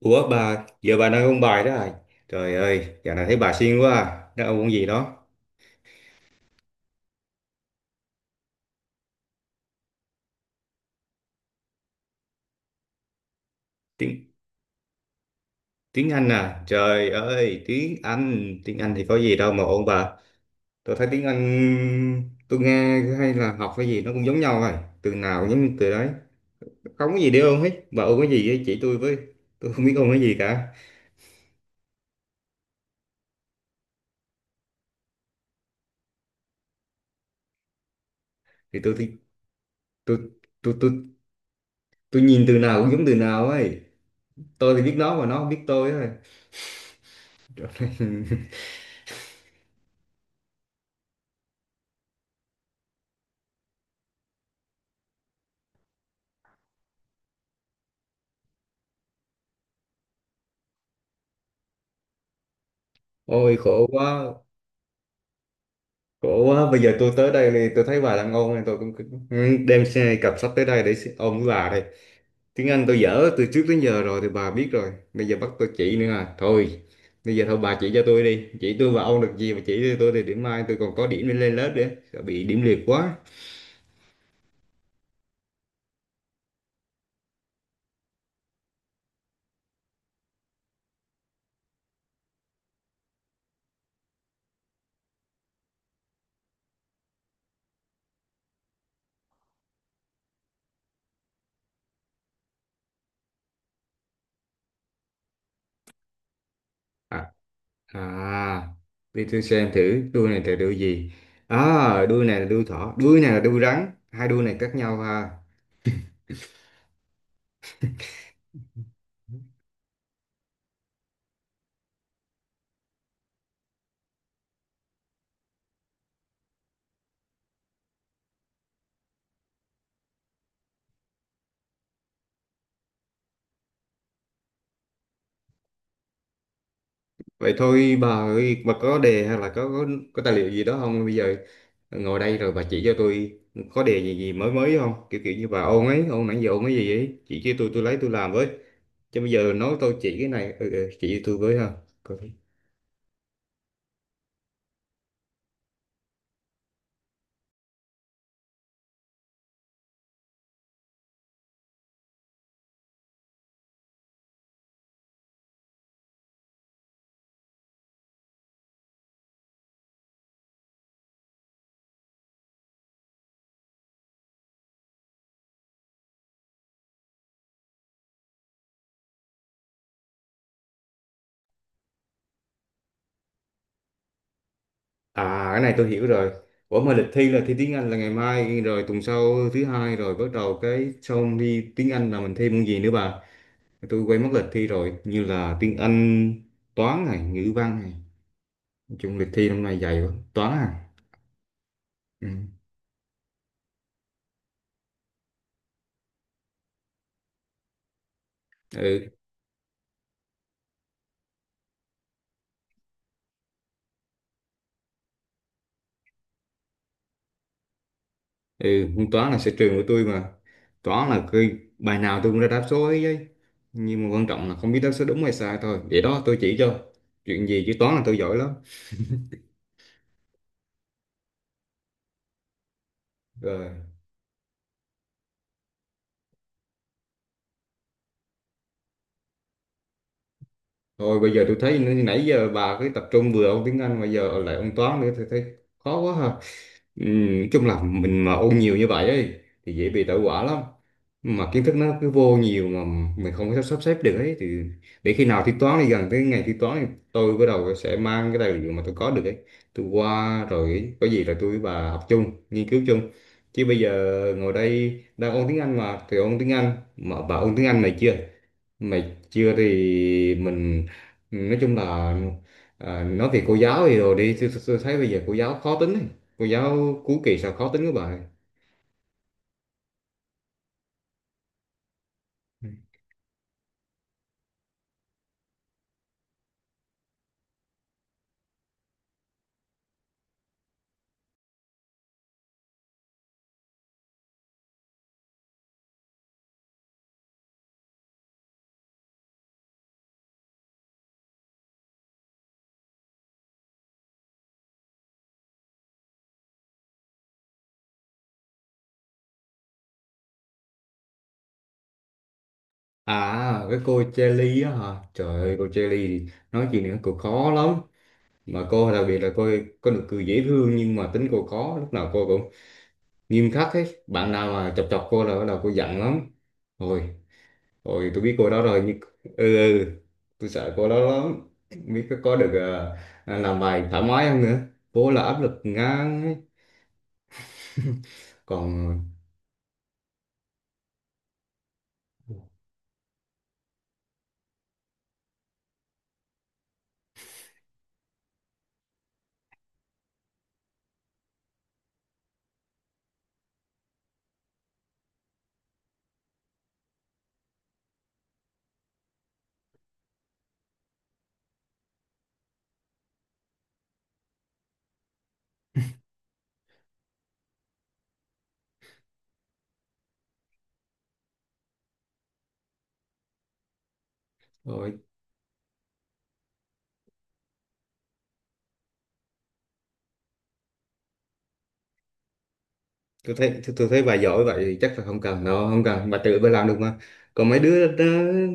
Ủa bà, giờ bà đang ôn bài đó à? Trời ơi, dạo này thấy bà siêng quá à. Đang ôn môn gì đó? Tiếng tiếng Anh à? Trời ơi, tiếng Anh thì có gì đâu mà ôn bà. Tôi thấy tiếng Anh tôi nghe hay là học cái gì nó cũng giống nhau rồi. Từ nào cũng giống từ đấy. Không có gì để ôn hết. Bà ôn cái gì ấy, chỉ tôi với. Tôi không biết ôn cái gì cả. Thì tôi thì tôi tôi tôi tôi nhìn từ nào cũng giống từ nào ấy. Tôi thì biết nó mà nó không biết tôi ấy. Ôi khổ quá. Khổ quá, bây giờ tôi tới đây thì tôi thấy bà đang ngon nên tôi cũng cũng đem xe cặp sách tới đây để ôn với bà đây. Tiếng Anh tôi dở từ trước đến giờ rồi thì bà biết rồi. Bây giờ bắt tôi chỉ nữa à. Thôi, bây giờ thôi bà chỉ cho tôi đi. Chỉ tôi và ôn được gì mà chỉ cho tôi thì điểm mai tôi còn có điểm để lên lớp nữa. Sợ bị điểm liệt quá. À, à, đi tôi xem thử đuôi này là đuôi gì. À, đuôi này là đuôi thỏ, đuôi này là đuôi rắn. Hai đuôi này khác nhau ha. Vậy thôi bà ơi, bà có đề hay là có tài liệu gì đó không? Bây giờ ngồi đây rồi bà chỉ cho tôi có đề gì gì mới mới không? Kiểu kiểu như bà ôn ấy, ôn nãy giờ ôn cái gì ấy, chỉ cho tôi lấy tôi làm với. Chứ bây giờ nói tôi chỉ cái này, ừ, ừ, chỉ cho tôi với ha. Coi. À, cái này tôi hiểu rồi. Ủa mà lịch thi là thi tiếng Anh là ngày mai rồi, tuần sau thứ hai rồi bắt đầu cái xong thi tiếng Anh là mình thi môn gì nữa bà? Tôi quay mất lịch thi rồi, như là tiếng Anh, toán này, ngữ văn này. Nói chung lịch thi năm nay dày quá, toán à. Ừ. Ừ. Ừ, toán là sở trường của tôi mà. Toán là cái bài nào tôi cũng ra đáp số ấy ấy. Nhưng mà quan trọng là không biết đáp số đúng hay sai thôi vậy đó. Tôi chỉ cho chuyện gì chứ toán là tôi giỏi lắm. Rồi thôi, bây giờ tôi thấy nãy giờ bà cứ tập trung vừa ông tiếng Anh bây giờ lại ông toán nữa, tôi thấy khó quá ha. Ừ, chung là mình mà ôn nhiều như vậy ấy thì dễ bị tẩu hỏa lắm, mà kiến thức nó cứ vô nhiều mà mình không có sắp sắp xếp được ấy, thì để khi nào thi toán thì gần tới ngày thi toán thì tôi bắt đầu sẽ mang cái tài liệu mà tôi có được ấy, tôi qua rồi có gì rồi tôi với bà học chung, nghiên cứu chung. Chứ bây giờ ngồi đây đang ôn tiếng Anh mà thì ôn tiếng Anh, mà bà ôn tiếng Anh này chưa, mày chưa thì mình nói chung là à, nói về cô giáo thì rồi đi tôi thấy bây giờ cô giáo khó tính ấy, cô giáo cuối kỳ sao khó tính quá bà. Ừ. À, cái cô Jelly á hả, trời ơi, cô Jelly thì nói chuyện này cô khó lắm, mà cô đặc biệt là cô có được cười dễ thương nhưng mà tính cô khó, lúc nào cô cũng nghiêm khắc hết. Bạn nào mà chọc chọc cô là bắt đầu cô giận lắm. Rồi rồi tôi biết cô đó rồi nhưng ừ, ừ, tôi sợ cô đó lắm. Không biết có được làm bài thoải mái không nữa, cô là áp lực ngang ấy. Còn tôi thấy tôi thấy bà giỏi vậy thì chắc là không cần đâu, không cần, bà tự bà làm được mà. Còn mấy đứa đó,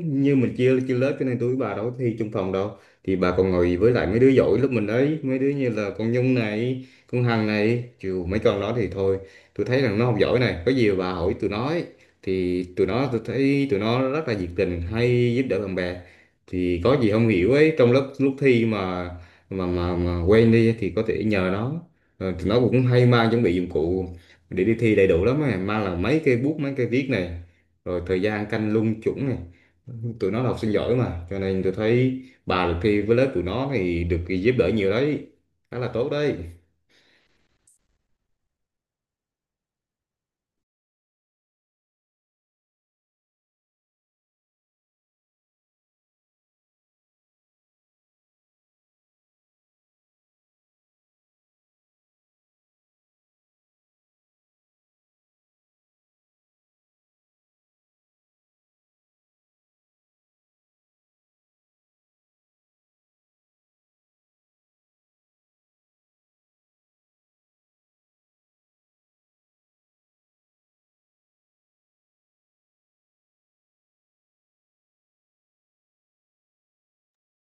như mình chia chia lớp cho nên tôi với bà đâu có thi chung phòng đâu, thì bà còn ngồi với lại mấy đứa giỏi lúc mình đấy, mấy đứa như là con Nhung này, con Hằng này, chiều mấy con đó thì thôi. Tôi thấy rằng nó không giỏi này, có gì mà bà hỏi tụi nó ấy. Thì tụi nó, tôi thấy tụi nó rất là nhiệt tình hay giúp đỡ bạn bè, thì có gì không hiểu ấy trong lớp lúc thi mà, quên đi thì có thể nhờ nó. Ờ, tụi nó cũng hay mang chuẩn bị dụng cụ để đi thi đầy đủ lắm á, mang là mấy cái bút mấy cái viết này, rồi thời gian canh lung chủng này, tụi nó là học sinh giỏi mà, cho nên tôi thấy bà được thi với lớp tụi nó thì được giúp đỡ nhiều đấy, khá là tốt đấy.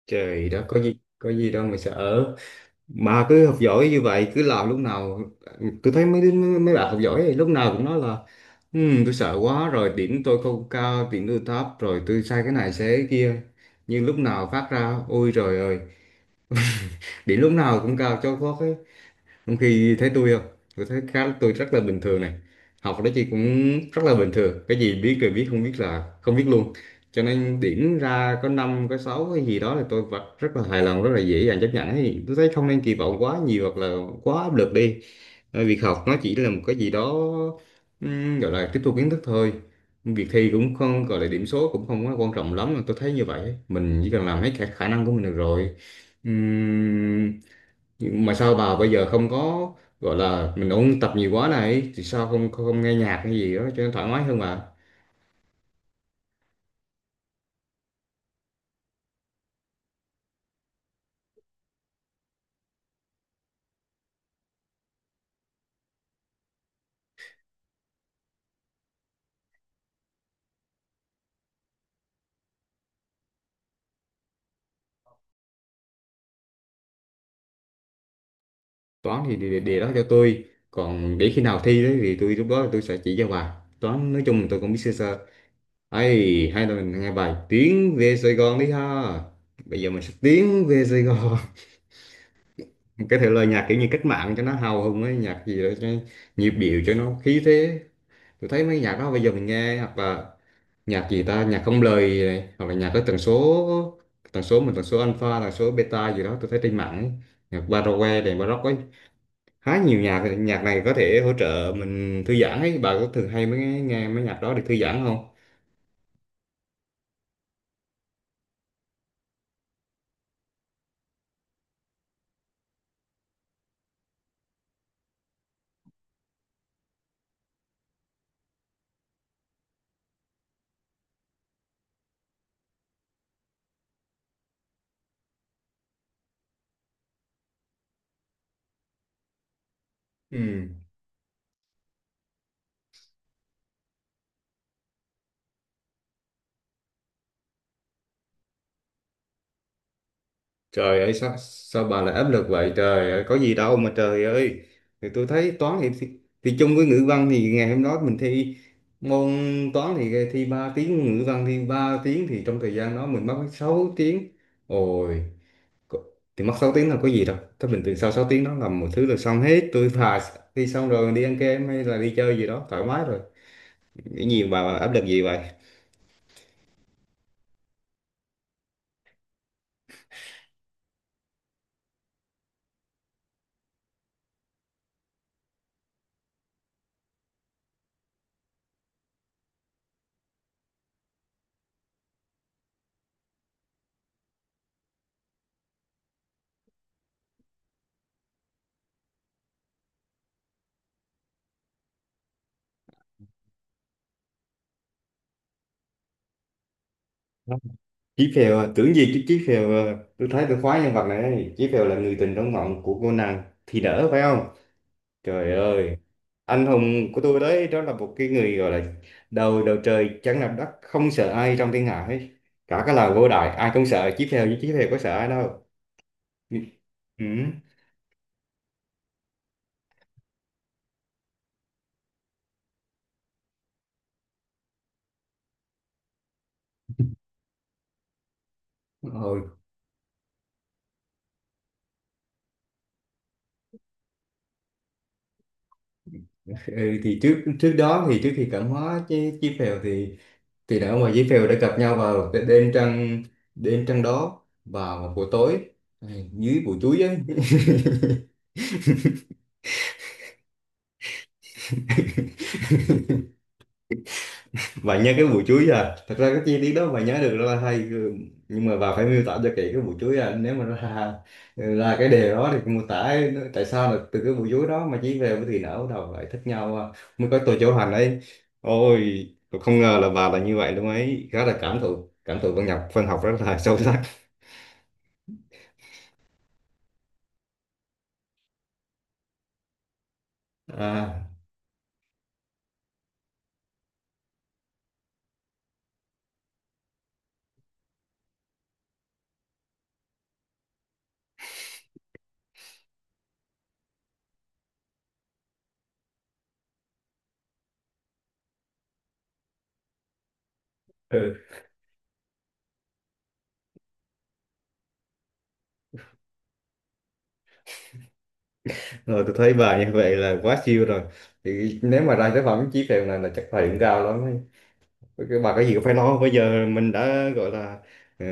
Trời, đó có gì, có gì đâu mà sợ. Bà cứ học giỏi như vậy cứ làm, lúc nào tôi thấy mấy bạn học giỏi thì lúc nào cũng nói là: Tôi sợ quá rồi, điểm tôi không cao, điểm tôi thấp rồi, tôi sai cái này sai cái kia", nhưng lúc nào phát ra ôi trời ơi, điểm lúc nào cũng cao cho có. Trong khi thấy tôi không, tôi thấy khá, tôi rất là bình thường này. Học đó chị cũng rất là bình thường, cái gì biết rồi biết, không biết là không biết luôn. Cho nên điểm ra có năm có sáu cái gì đó là tôi vẫn rất là hài lòng, rất là dễ dàng chấp nhận ấy. Tôi thấy không nên kỳ vọng quá nhiều hoặc là quá áp lực đi. Ờ, việc học nó chỉ là một cái gì đó, gọi là tiếp thu kiến thức thôi. Việc thi cũng không gọi là điểm số cũng không quá quan trọng lắm, tôi thấy như vậy. Mình chỉ cần làm hết khả năng của mình được rồi. Ừm, nhưng mà sao bà bây giờ không có gọi là mình ôn tập nhiều quá này, thì sao không không, không nghe nhạc hay gì đó cho nó thoải mái hơn mà. Toán thì để đó cho tôi. Còn để khi nào thi đấy thì tôi lúc đó tôi sẽ chỉ cho bà. Toán nói chung là tôi cũng biết sơ sơ. Ấy, hay là mình nghe bài Tiến về Sài Gòn đi ha, bây giờ mình sẽ tiến về Sài Gòn. Cái thể lời nhạc kiểu như cách mạng cho nó hào hùng ấy, nhạc gì đó cho nhịp điệu, cho nó khí thế. Tôi thấy mấy nhạc đó bây giờ mình nghe, hoặc là nhạc gì ta, nhạc không lời này, hoặc là nhạc có tần số mình, tần số alpha, tần số beta gì đó tôi thấy trên mạng ấy. Nhạc baroque này, baroque ấy, khá nhiều nhạc nhạc này có thể hỗ trợ mình thư giãn ấy, bà có thường hay mới nghe mấy nhạc đó để thư giãn không? Ừ. Trời ơi, sao sao bà lại áp lực vậy, trời ơi, có gì đâu mà, trời ơi. Thì tôi thấy toán thì chung với ngữ văn thì ngày hôm đó mình thi môn toán thì thi 3 tiếng, ngữ văn thi 3 tiếng, thì trong thời gian đó mình mất 6 tiếng. Ôi, có- thì mất 6 tiếng là có gì đâu. Thế bình thường sau 6 tiếng đó làm một thứ là xong hết, tôi thà thi xong rồi đi ăn kem hay là đi chơi gì đó thoải mái rồi, nghĩ gì mà áp lực gì vậy. Chí Phèo à, tưởng gì chứ Chí Phèo à. Tôi thấy tôi khoái nhân vật này ấy. Chí Phèo là người tình trong mộng của cô nàng thì đỡ phải không, trời ơi, anh hùng của tôi đấy. Đó là một cái người gọi là đầu đầu trời chẳng làm đất không sợ ai trong thiên hạ ấy. Cả cái làng Vô Đại ai cũng sợ Chí Phèo nhưng Chí Phèo có sợ ai đâu. Ừ. Rồi, ừ, thì trước trước đó thì trước khi cảm hóa chứ Chí Phèo thì đàn ông và dế phèo đã gặp nhau vào đêm trăng, đêm trăng đó vào một buổi tối. Ai, dưới bụi chuối ấy. Bạn nhớ cái bụi chuối à, thật ra cái chi tiết đó bạn nhớ được rất là hay, ừ, nhưng mà bà phải miêu tả cho kỹ cái bụi chuối à. Nếu mà ra ra cái đề đó thì mô tả ấy, tại sao là từ cái bụi chuối đó mà chỉ về với thì nở bắt đầu lại thích nhau à, mới có tôi chỗ hành ấy. Ôi tôi không ngờ là bà là như vậy luôn ấy, khá là cảm thụ văn nhập văn học rất là sâu sắc. À, ừ. Rồi tôi thấy bà như vậy là quá siêu rồi. Thì nếu mà ra tới phẩm Chí Phèo này là chắc phải cũng cao lắm ấy. Cái bà có gì cũng phải nói không? Bây giờ mình đã gọi là ừ,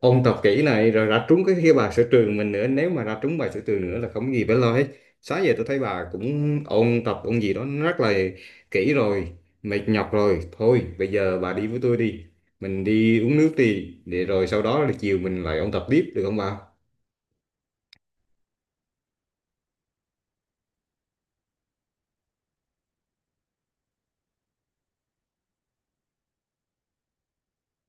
ôn tập kỹ này rồi ra trúng cái bài sở trường mình nữa, nếu mà ra trúng bài sở trường nữa là không có gì phải lo hết. Sáng giờ tôi thấy bà cũng ôn tập ôn gì đó nó rất là kỹ rồi, mệt nhọc rồi, thôi bây giờ bà đi với tôi đi, mình đi uống nước đi, để rồi sau đó là chiều mình lại ôn tập tiếp được không bà?